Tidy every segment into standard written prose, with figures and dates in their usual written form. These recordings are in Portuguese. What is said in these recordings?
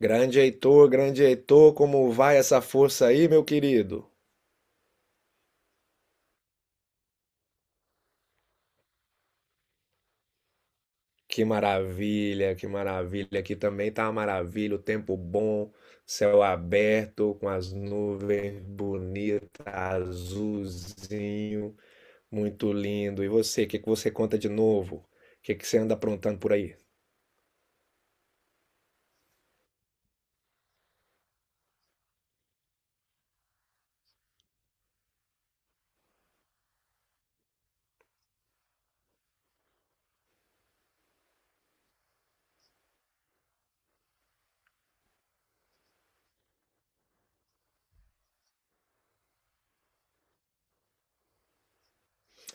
Grande Heitor, como vai essa força aí, meu querido? Que maravilha, que maravilha. Aqui também tá uma maravilha, o tempo bom, céu aberto, com as nuvens bonitas, azulzinho, muito lindo. E você, o que que você conta de novo? O que que você anda aprontando por aí?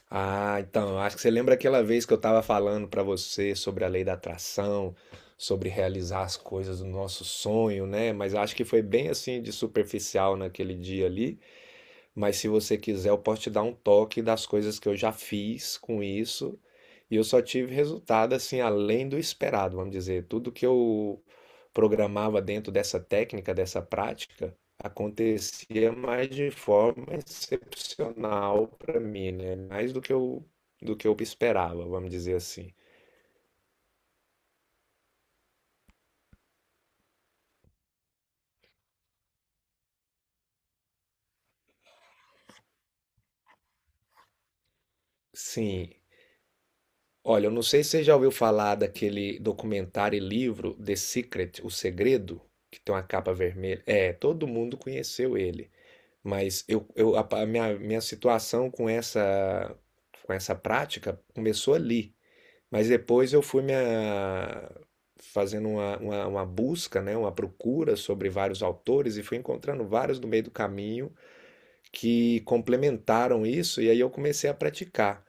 Ah, então, eu acho que você lembra aquela vez que eu estava falando para você sobre a lei da atração, sobre realizar as coisas do nosso sonho, né? Mas acho que foi bem assim de superficial naquele dia ali. Mas se você quiser, eu posso te dar um toque das coisas que eu já fiz com isso. E eu só tive resultado assim além do esperado, vamos dizer. Tudo que eu programava dentro dessa técnica, dessa prática, acontecia mais de forma excepcional para mim, né? Mais do que eu esperava, vamos dizer assim. Sim, olha, eu não sei se você já ouviu falar daquele documentário e livro The Secret, O Segredo, que tem uma capa vermelha. É, todo mundo conheceu ele, mas a minha situação com essa prática começou ali, mas depois eu fui fazendo uma busca, né, uma procura sobre vários autores e fui encontrando vários no meio do caminho que complementaram isso e aí eu comecei a praticar.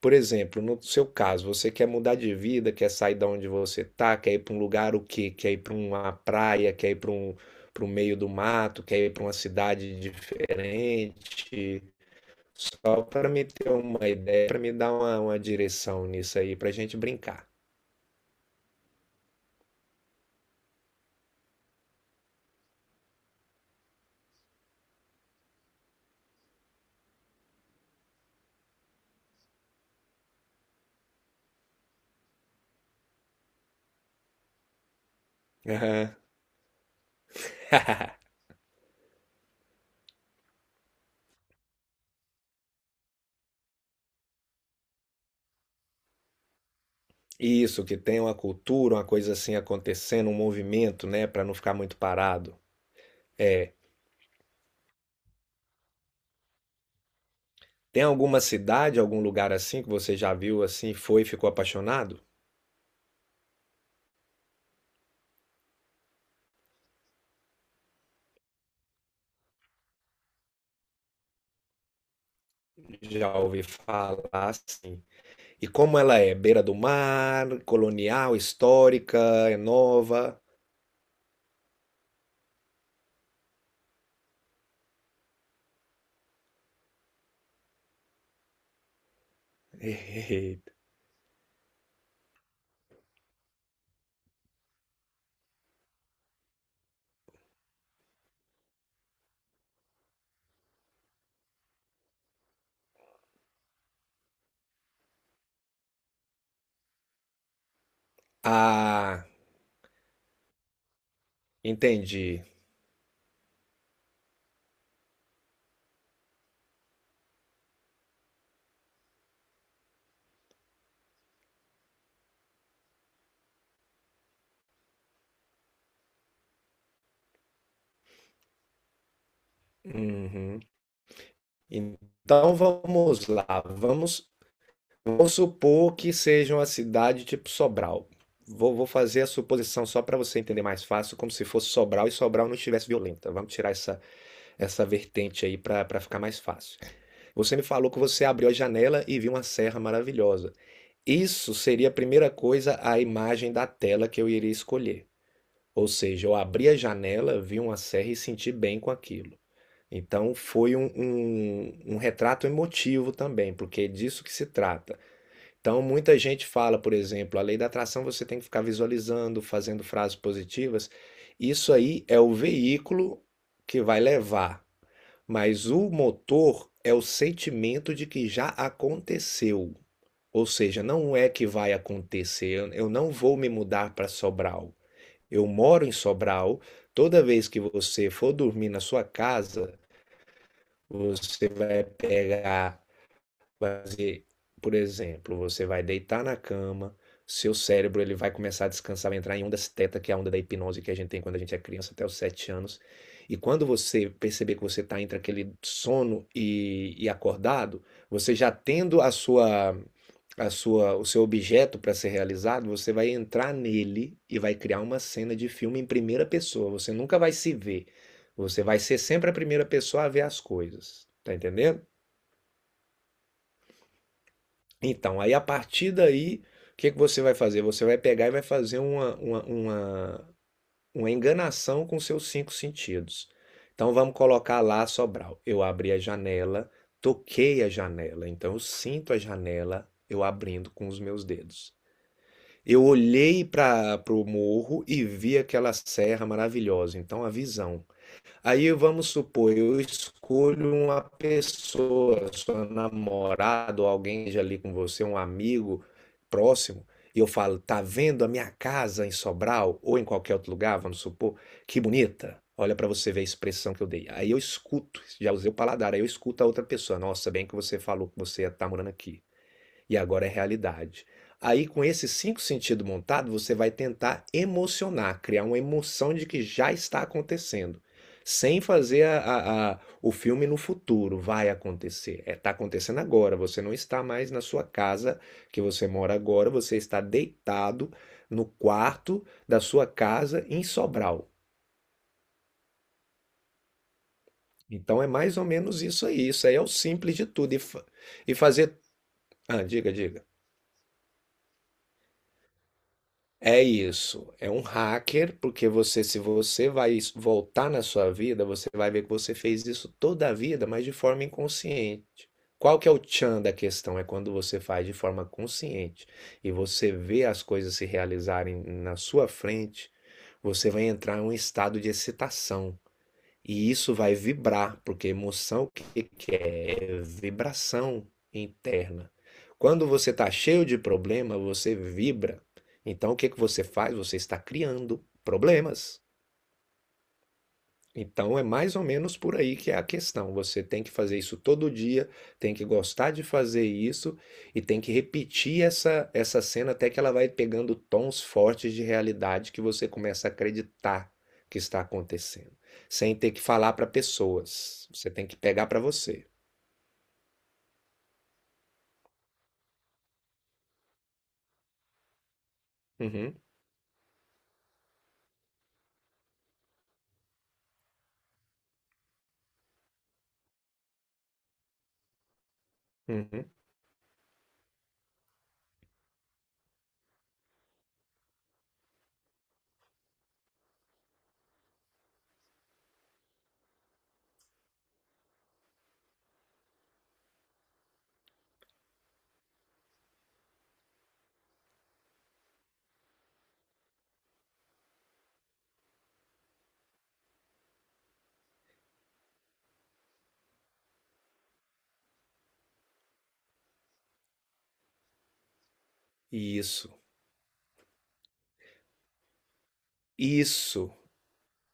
Por exemplo, no seu caso, você quer mudar de vida, quer sair da onde você tá, quer ir para um lugar o quê? Quer ir para uma praia, quer ir para um para o meio do mato, quer ir para uma cidade diferente. Só para me ter uma ideia, para me dar uma direção nisso aí, para a gente brincar. Aham. Isso, que tem uma cultura, uma coisa assim acontecendo, um movimento, né, para não ficar muito parado. Tem alguma cidade, algum lugar assim que você já viu assim, foi e ficou apaixonado? Já ouvi falar assim. E como ela é? Beira do mar, colonial, histórica, é nova? Eita. Ah, entendi. Uhum. Então vamos lá. Vamos, vamos supor que seja uma cidade tipo Sobral. Vou, vou fazer a suposição só para você entender mais fácil, como se fosse Sobral e Sobral não estivesse violenta. Vamos tirar essa essa vertente aí para pra ficar mais fácil. Você me falou que você abriu a janela e viu uma serra maravilhosa. Isso seria a primeira coisa, a imagem da tela que eu iria escolher. Ou seja, eu abri a janela, vi uma serra e senti bem com aquilo. Então foi um, um, um retrato emotivo também, porque é disso que se trata. Então muita gente fala, por exemplo, a lei da atração você tem que ficar visualizando, fazendo frases positivas. Isso aí é o veículo que vai levar, mas o motor é o sentimento de que já aconteceu. Ou seja, não é que vai acontecer, eu não vou me mudar para Sobral. Eu moro em Sobral. Toda vez que você for dormir na sua casa, você vai pegar. Fazer, por exemplo, você vai deitar na cama, seu cérebro ele vai começar a descansar, vai entrar em ondas teta, que é a onda da hipnose que a gente tem quando a gente é criança até os 7 anos. E quando você perceber que você está entre aquele sono e, acordado, você já tendo a sua, o seu objeto para ser realizado, você vai entrar nele e vai criar uma cena de filme em primeira pessoa. Você nunca vai se ver. Você vai ser sempre a primeira pessoa a ver as coisas. Tá entendendo? Então, aí a partir daí, o que que você vai fazer? Você vai pegar e vai fazer uma enganação com seus cinco sentidos. Então, vamos colocar lá Sobral. Eu abri a janela, toquei a janela. Então, eu sinto a janela eu abrindo com os meus dedos. Eu olhei para o morro e vi aquela serra maravilhosa. Então, a visão. Aí vamos supor, eu escolho uma pessoa, sua namorada ou alguém já ali com você, um amigo próximo, e eu falo, tá vendo a minha casa em Sobral ou em qualquer outro lugar, vamos supor, que bonita. Olha para você ver a expressão que eu dei. Aí eu escuto, já usei o paladar, aí eu escuto a outra pessoa. Nossa, bem que você falou que você ia estar morando aqui e agora é realidade. Aí, com esses cinco sentidos montados, você vai tentar emocionar, criar uma emoção de que já está acontecendo, sem fazer o filme no futuro, vai acontecer. Está acontecendo agora, você não está mais na sua casa que você mora agora, você está deitado no quarto da sua casa em Sobral. Então é mais ou menos isso aí. Isso aí é o simples de tudo. E, e fazer. Ah, diga, diga. É isso, é um hacker, porque você, se você vai voltar na sua vida, você vai ver que você fez isso toda a vida, mas de forma inconsciente. Qual que é o tchan da questão? É quando você faz de forma consciente e você vê as coisas se realizarem na sua frente, você vai entrar em um estado de excitação. E isso vai vibrar, porque emoção o que que é? É vibração interna. Quando você está cheio de problema, você vibra. Então o que que você faz? Você está criando problemas. Então é mais ou menos por aí que é a questão. Você tem que fazer isso todo dia, tem que gostar de fazer isso e tem que repetir essa, essa cena até que ela vai pegando tons fortes de realidade que você começa a acreditar que está acontecendo, sem ter que falar para pessoas. Você tem que pegar para você. Uhum, uhum. Isso, isso.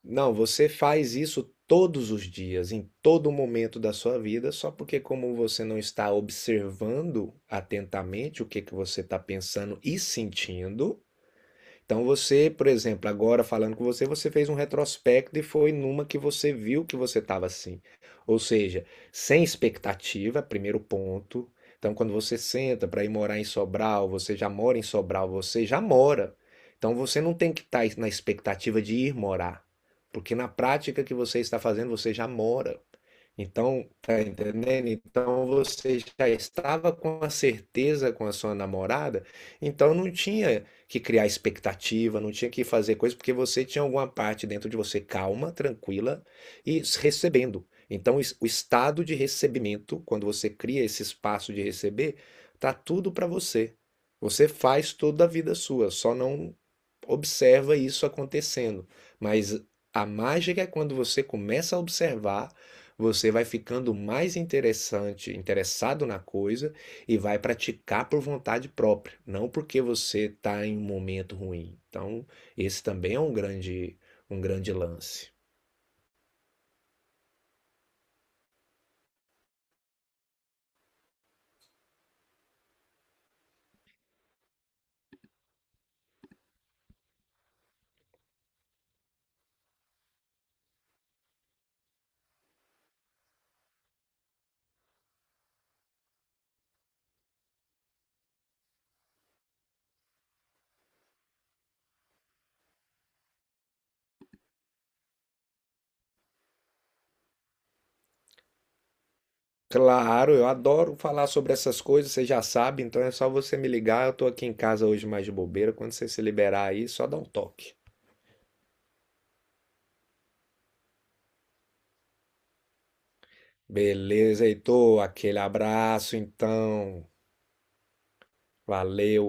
Não, você faz isso todos os dias, em todo momento da sua vida, só porque como você não está observando atentamente o que que você está pensando e sentindo, então você, por exemplo, agora falando com você, você fez um retrospecto e foi numa que você viu que você estava assim. Ou seja, sem expectativa, primeiro ponto. Então, quando você senta para ir morar em Sobral, você já mora em Sobral, você já mora. Então, você não tem que estar na expectativa de ir morar, porque na prática que você está fazendo, você já mora. Então, tá entendendo? Então você já estava com a certeza com a sua namorada, então não tinha que criar expectativa, não tinha que fazer coisa, porque você tinha alguma parte dentro de você calma, tranquila e recebendo. Então, o estado de recebimento, quando você cria esse espaço de receber, tá tudo para você. Você faz toda a vida sua, só não observa isso acontecendo. Mas a mágica é quando você começa a observar, você vai ficando mais interessante, interessado na coisa e vai praticar por vontade própria, não porque você está em um momento ruim. Então, esse também é um grande lance. Claro, eu adoro falar sobre essas coisas, você já sabe, então é só você me ligar. Eu estou aqui em casa hoje mais de bobeira. Quando você se liberar aí, só dá um toque. Beleza, Heitor? Aquele abraço, então. Valeu.